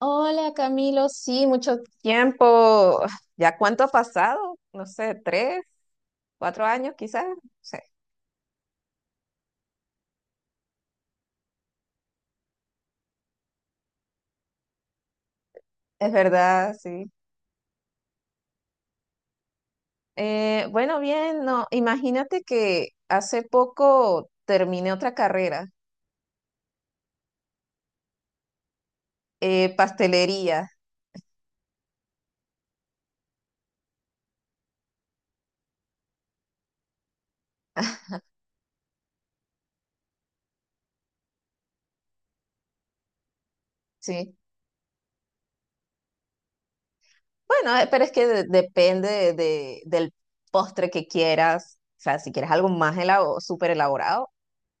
Hola Camilo, sí, mucho tiempo. ¿Ya cuánto ha pasado? No sé, tres, cuatro años quizás. No sé. Es verdad, sí. Bueno, bien, no, imagínate que hace poco terminé otra carrera, pastelería, sí. Bueno, pero es que depende de, del postre que quieras. O sea, si quieres algo más súper elaborado.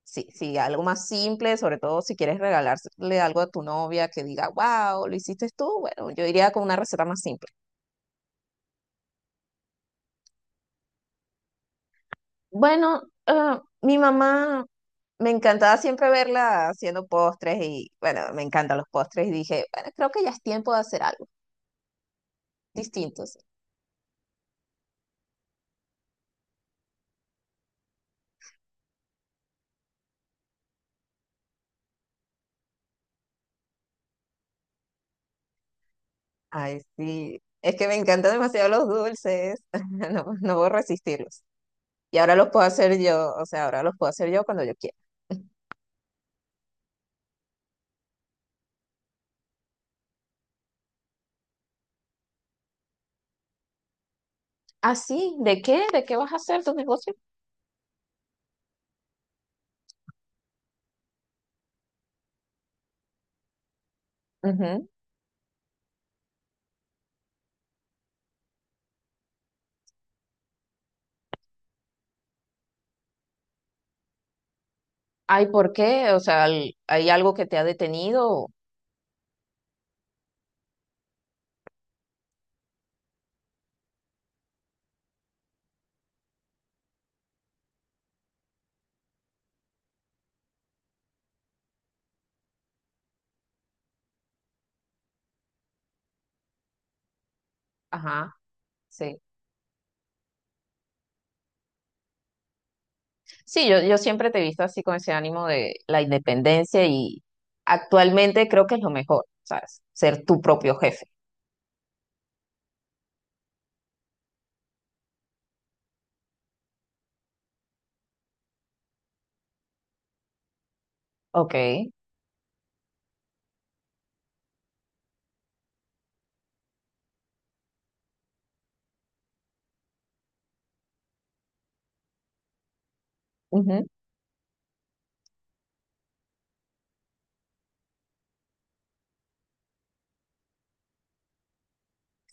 Sí, sí, algo más simple, sobre todo si quieres regalarle algo a tu novia que diga, wow, lo hiciste tú, bueno, yo iría con una receta más simple. Bueno, mi mamá me encantaba siempre verla haciendo postres y, bueno, me encantan los postres y dije, bueno, creo que ya es tiempo de hacer algo distinto. Sí. Ay, sí, es que me encantan demasiado los dulces, no, no puedo resistirlos. Y ahora los puedo hacer yo, o sea, ahora los puedo hacer yo cuando yo quiera. ¿Ah, sí? ¿De qué? ¿De qué vas a hacer tu negocio? Ujú. Ay, ¿por qué? O sea, ¿hay algo que te ha detenido? Ajá, sí. Sí, yo siempre te he visto así con ese ánimo de la independencia y actualmente creo que es lo mejor, ¿sabes? Ser tu propio jefe. Ok. Ujú.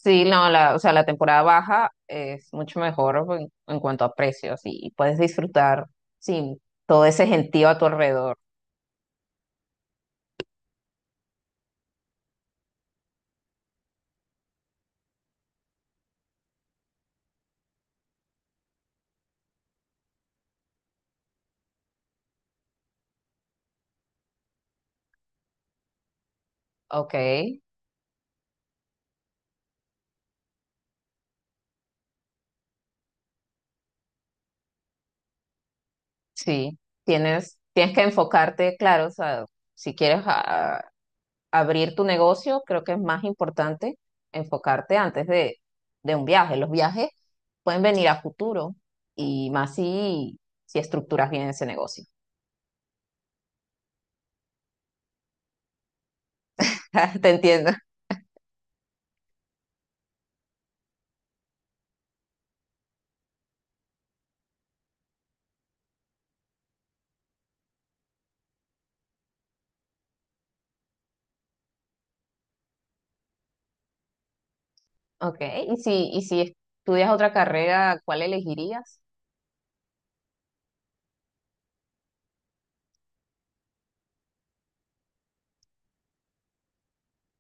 Sí, no, la, o sea, la temporada baja es mucho mejor en, cuanto a precios y puedes disfrutar, sí, todo ese gentío a tu alrededor. Ok, sí. Tienes que enfocarte, claro, o sea, si quieres abrir tu negocio, creo que es más importante enfocarte antes de un viaje. Los viajes pueden venir a futuro y más si estructuras bien ese negocio. Te entiendo. Ok, y si estudias otra carrera, ¿cuál elegirías?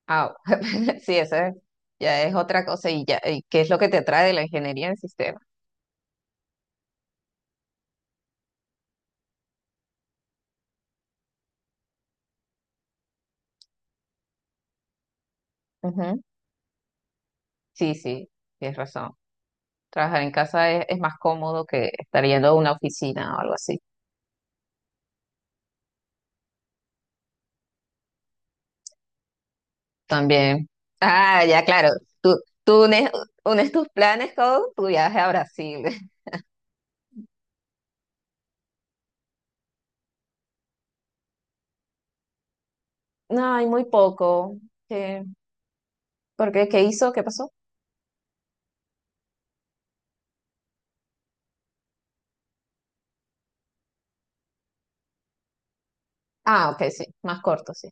Ah, sí, esa ya es otra cosa y ya, y ¿qué es lo que te atrae de la ingeniería en sistemas? Ujú. Sí, sí, tienes razón. Trabajar en casa es más cómodo que estar yendo a una oficina o algo así. También. Ah, ya, claro. Tú, tú unes tus planes con tu viaje a Brasil. No, hay muy poco. ¿Qué? ¿Por qué? ¿Qué hizo? ¿Qué pasó? Ah, ok, sí. Más corto, sí.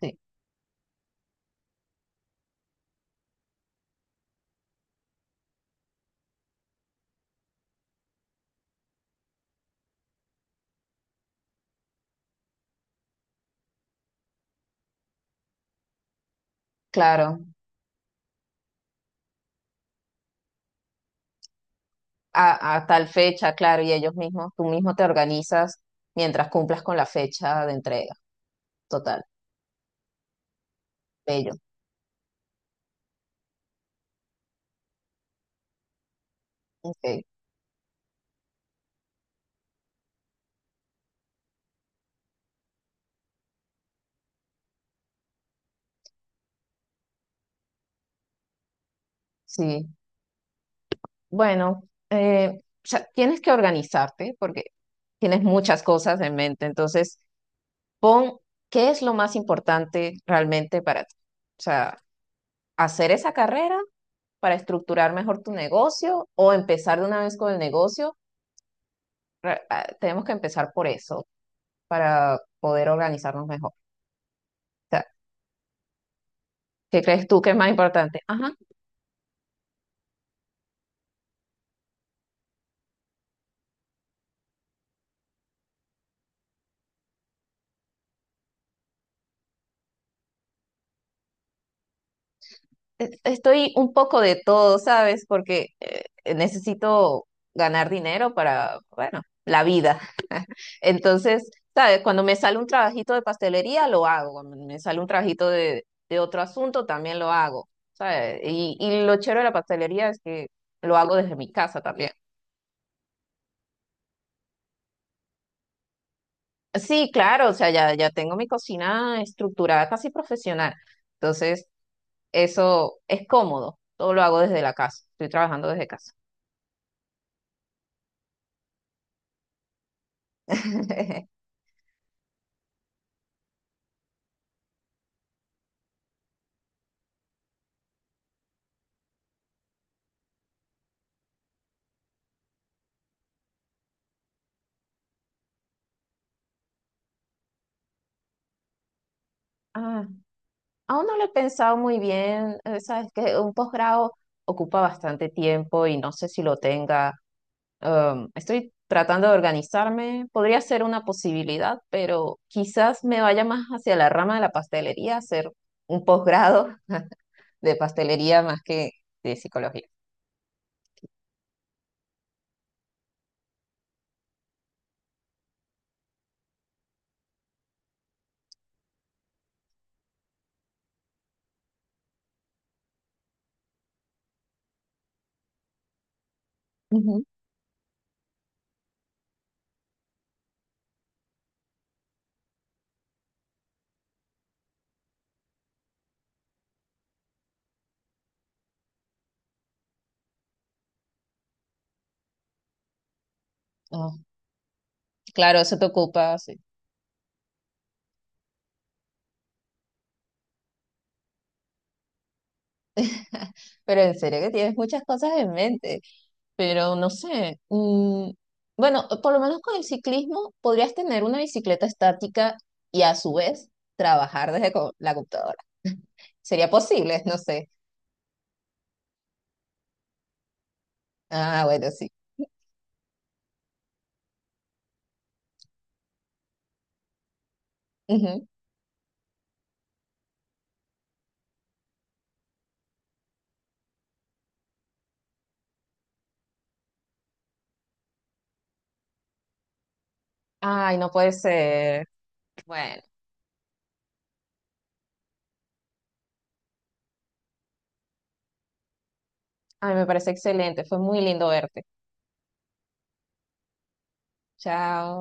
Sí, claro. A tal fecha, claro. Y ellos mismos, tú mismo te organizas mientras cumplas con la fecha de entrega. Total. Bello. Ok. Sí. Bueno, o sea, tienes que organizarte porque tienes muchas cosas en mente. Entonces, pon qué es lo más importante realmente para ti. O sea, hacer esa carrera para estructurar mejor tu negocio o empezar de una vez con el negocio. Tenemos que empezar por eso para poder organizarnos mejor. O sea, ¿qué crees tú que es más importante? Ajá, estoy un poco de todo, ¿sabes? Porque necesito ganar dinero para, bueno, la vida. Entonces, ¿sabes? Cuando me sale un trabajito de pastelería, lo hago. Cuando me sale un trabajito de otro asunto, también lo hago, ¿sabes? Y lo chévere de la pastelería es que lo hago desde mi casa también. Sí, claro, o sea, ya, ya tengo mi cocina estructurada casi profesional. Entonces, eso es cómodo. Todo lo hago desde la casa. Estoy trabajando desde casa. Ah, aún no lo he pensado muy bien. Sabes que un posgrado ocupa bastante tiempo y no sé si lo tenga. Estoy tratando de organizarme. Podría ser una posibilidad, pero quizás me vaya más hacia la rama de la pastelería, hacer un posgrado de pastelería más que de psicología. Ujú. Ah, claro, eso te ocupa, sí. Pero en serio que tienes muchas cosas en mente. Pero no sé. mm, bueno, por lo menos con el ciclismo podrías tener una bicicleta estática y a su vez trabajar desde la computadora. ¿Sería posible? No sé. Ah, bueno, sí. Ujú. Ay, no puede ser. Bueno, ay, me parece excelente. Fue muy lindo verte. Chao.